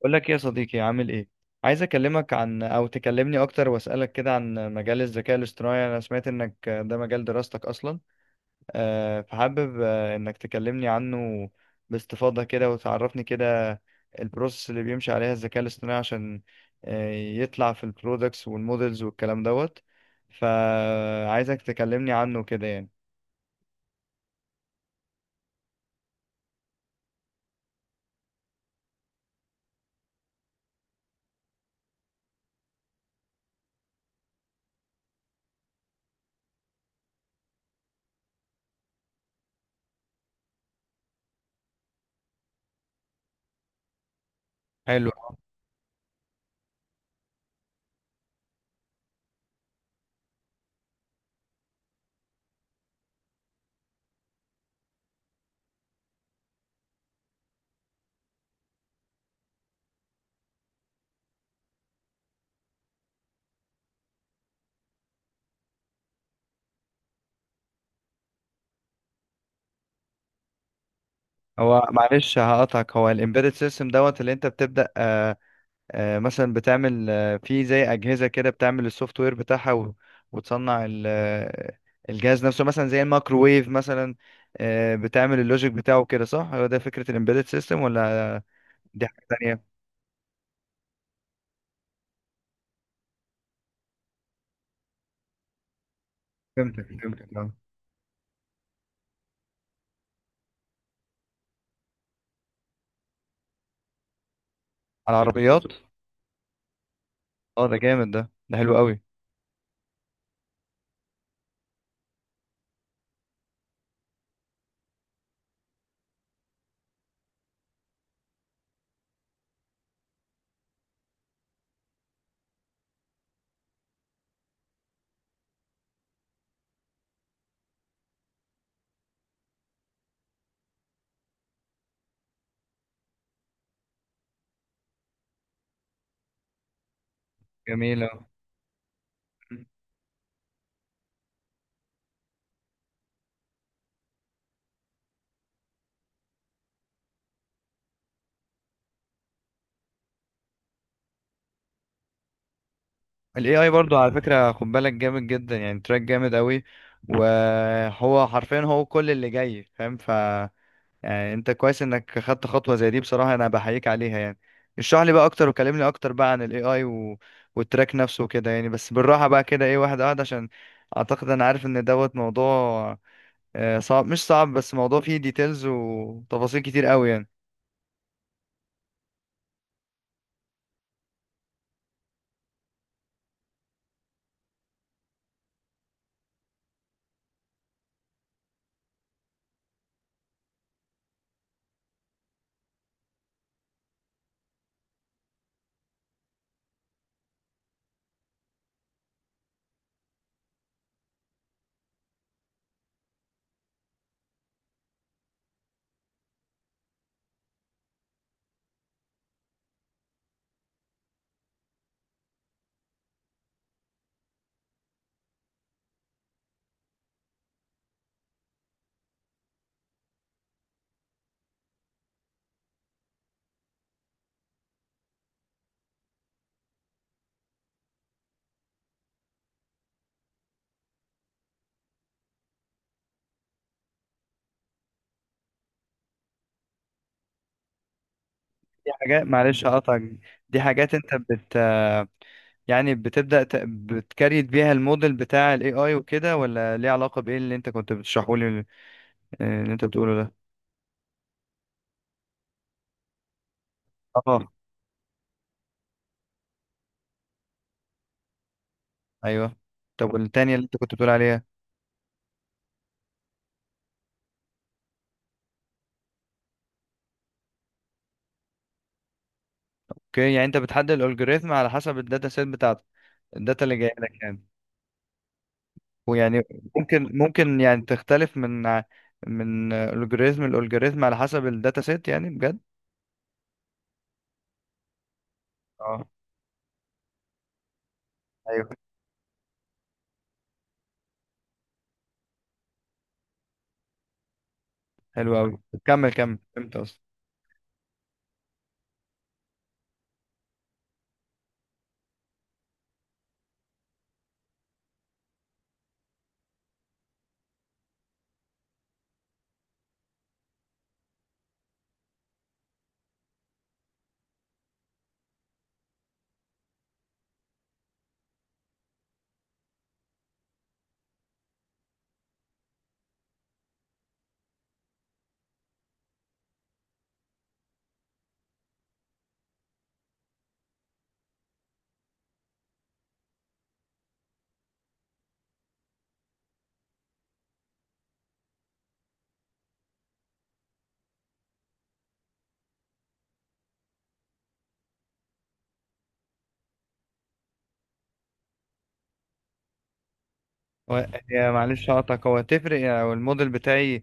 بقول لك إيه يا صديقي، عامل ايه؟ عايز اكلمك عن تكلمني اكتر واسالك كده عن مجال الذكاء الاصطناعي. انا سمعت انك ده مجال دراستك اصلا. فحابب انك تكلمني عنه باستفاضة كده، وتعرفني كده البروسيس اللي بيمشي عليها الذكاء الاصطناعي، عشان يطلع في البرودكتس والمودلز والكلام دوت. فعايزك تكلمني عنه كده يعني. حلو. هو معلش هقطعك، هو الامبيدد سيستم دوت اللي انت بتبدأ مثلا بتعمل في زي أجهزة كده، بتعمل السوفت وير بتاعها وتصنع الجهاز نفسه مثلا زي الميكروويف مثلا، بتعمل اللوجيك بتاعه كده، صح؟ هو ده فكرة الامبيدد سيستم ولا دي حاجة تانية؟ فهمتك اه، على فهمتك. العربيات بالظبط. اه، ده جامد، ده حلو قوي. جميل اه. ال AI برضو على فكرة خد بالك، جامد جدا يعني، تراك جامد قوي، وهو حرفيا هو كل اللي جاي فاهم. يعني انت كويس انك خدت خطوة زي دي، بصراحة انا بحييك عليها يعني. اشرح لي بقى اكتر، وكلمني اكتر بقى عن الاي اي و... والتراك نفسه وكده يعني، بس بالراحة بقى كده، ايه، واحدة واحدة، عشان اعتقد انا عارف ان دوت موضوع صعب مش صعب، بس موضوع فيه ديتيلز وتفاصيل كتير قوي يعني. دي حاجات معلش هقطعك، دي حاجات انت بت آه، يعني بتبدأ ت... بتكريت بيها الموديل بتاع الاي اي وكده، ولا ليه علاقة بايه اللي انت كنت بتشرحه لي، اللي انت بتقوله ده؟ اه، ايوه. طب والتانية اللي انت كنت بتقول عليها؟ اوكي، يعني انت بتحدد الالجوريثم على حسب الداتا سيت بتاعتك، الداتا اللي جايه لك يعني. ويعني ممكن يعني تختلف من الجوريثم لالجوريثم على حسب الداتا سيت يعني، بجد؟ اه، ايوه. حلو قوي. كمل كمل، فهمت اصلا. هو، هي معلش هقطعك، هو تفرق يعني لو الموديل بتاعي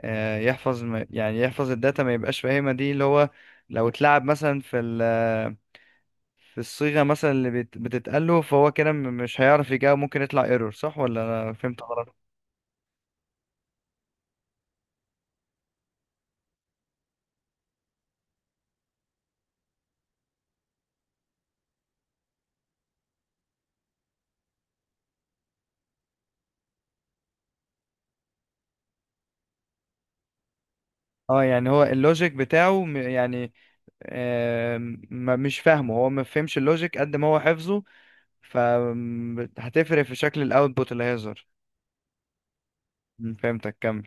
يحفظ يعني يحفظ الداتا ما يبقاش فاهمها، دي اللي هو، لو اتلعب مثلا في الصيغة مثلا اللي بتتقال له، فهو كده مش هيعرف يجاوب، ممكن يطلع ايرور، صح ولا انا فهمت غلط؟ اه يعني هو اللوجيك بتاعه آه مش فاهمه، هو ما فهمش اللوجيك قد ما هو حفظه، فهتفرق في شكل الاوتبوت اللي هيظهر. فهمتك، كمل.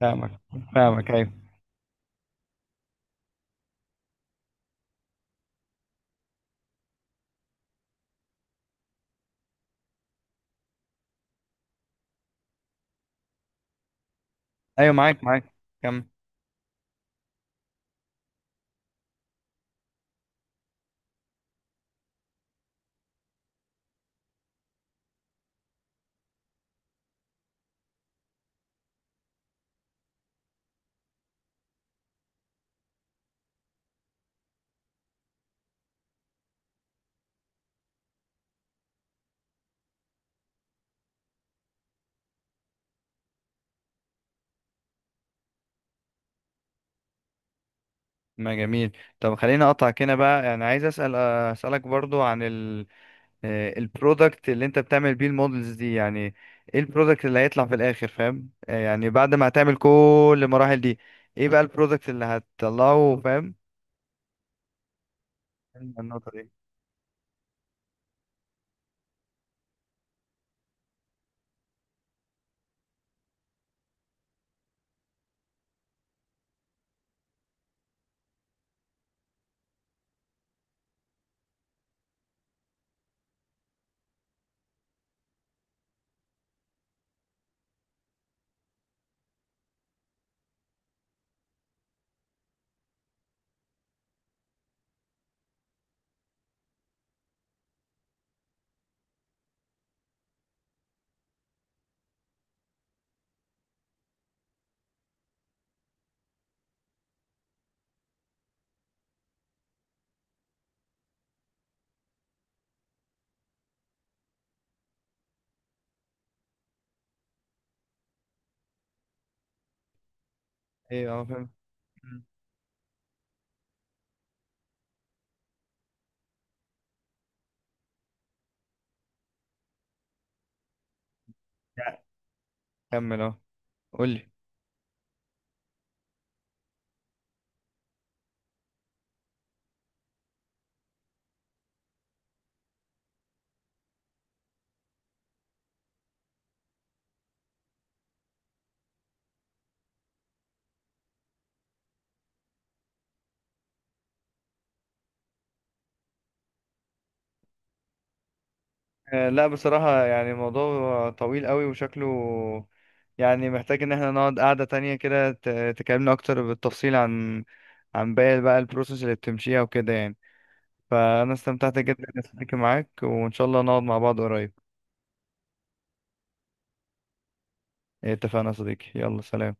فاهمك فاهمك، ايوه. ايوه، معاك معاك، كمل. ما جميل. طب خليني اقطعك هنا بقى، يعني عايز اسالك برضو عن ال البرودكت اللي انت بتعمل بيه المودلز دي يعني، ايه البرودكت اللي هيطلع في الاخر فاهم، يعني بعد ما هتعمل كل المراحل دي، ايه بقى البرودكت اللي هتطلعه فاهم؟ النقطة دي. ايه اه فاهم. مم. يعني كمل اه، قولي. لا بصراحة يعني الموضوع طويل قوي وشكله، يعني محتاج ان احنا نقعد قعدة تانية كده، تكلمنا اكتر بالتفصيل عن باقي بقى البروسيس اللي بتمشيها وكده يعني. فانا استمتعت جدا اني أتحدث معاك، وان شاء الله نقعد مع بعض قريب. اتفقنا يا صديقي، يلا سلام.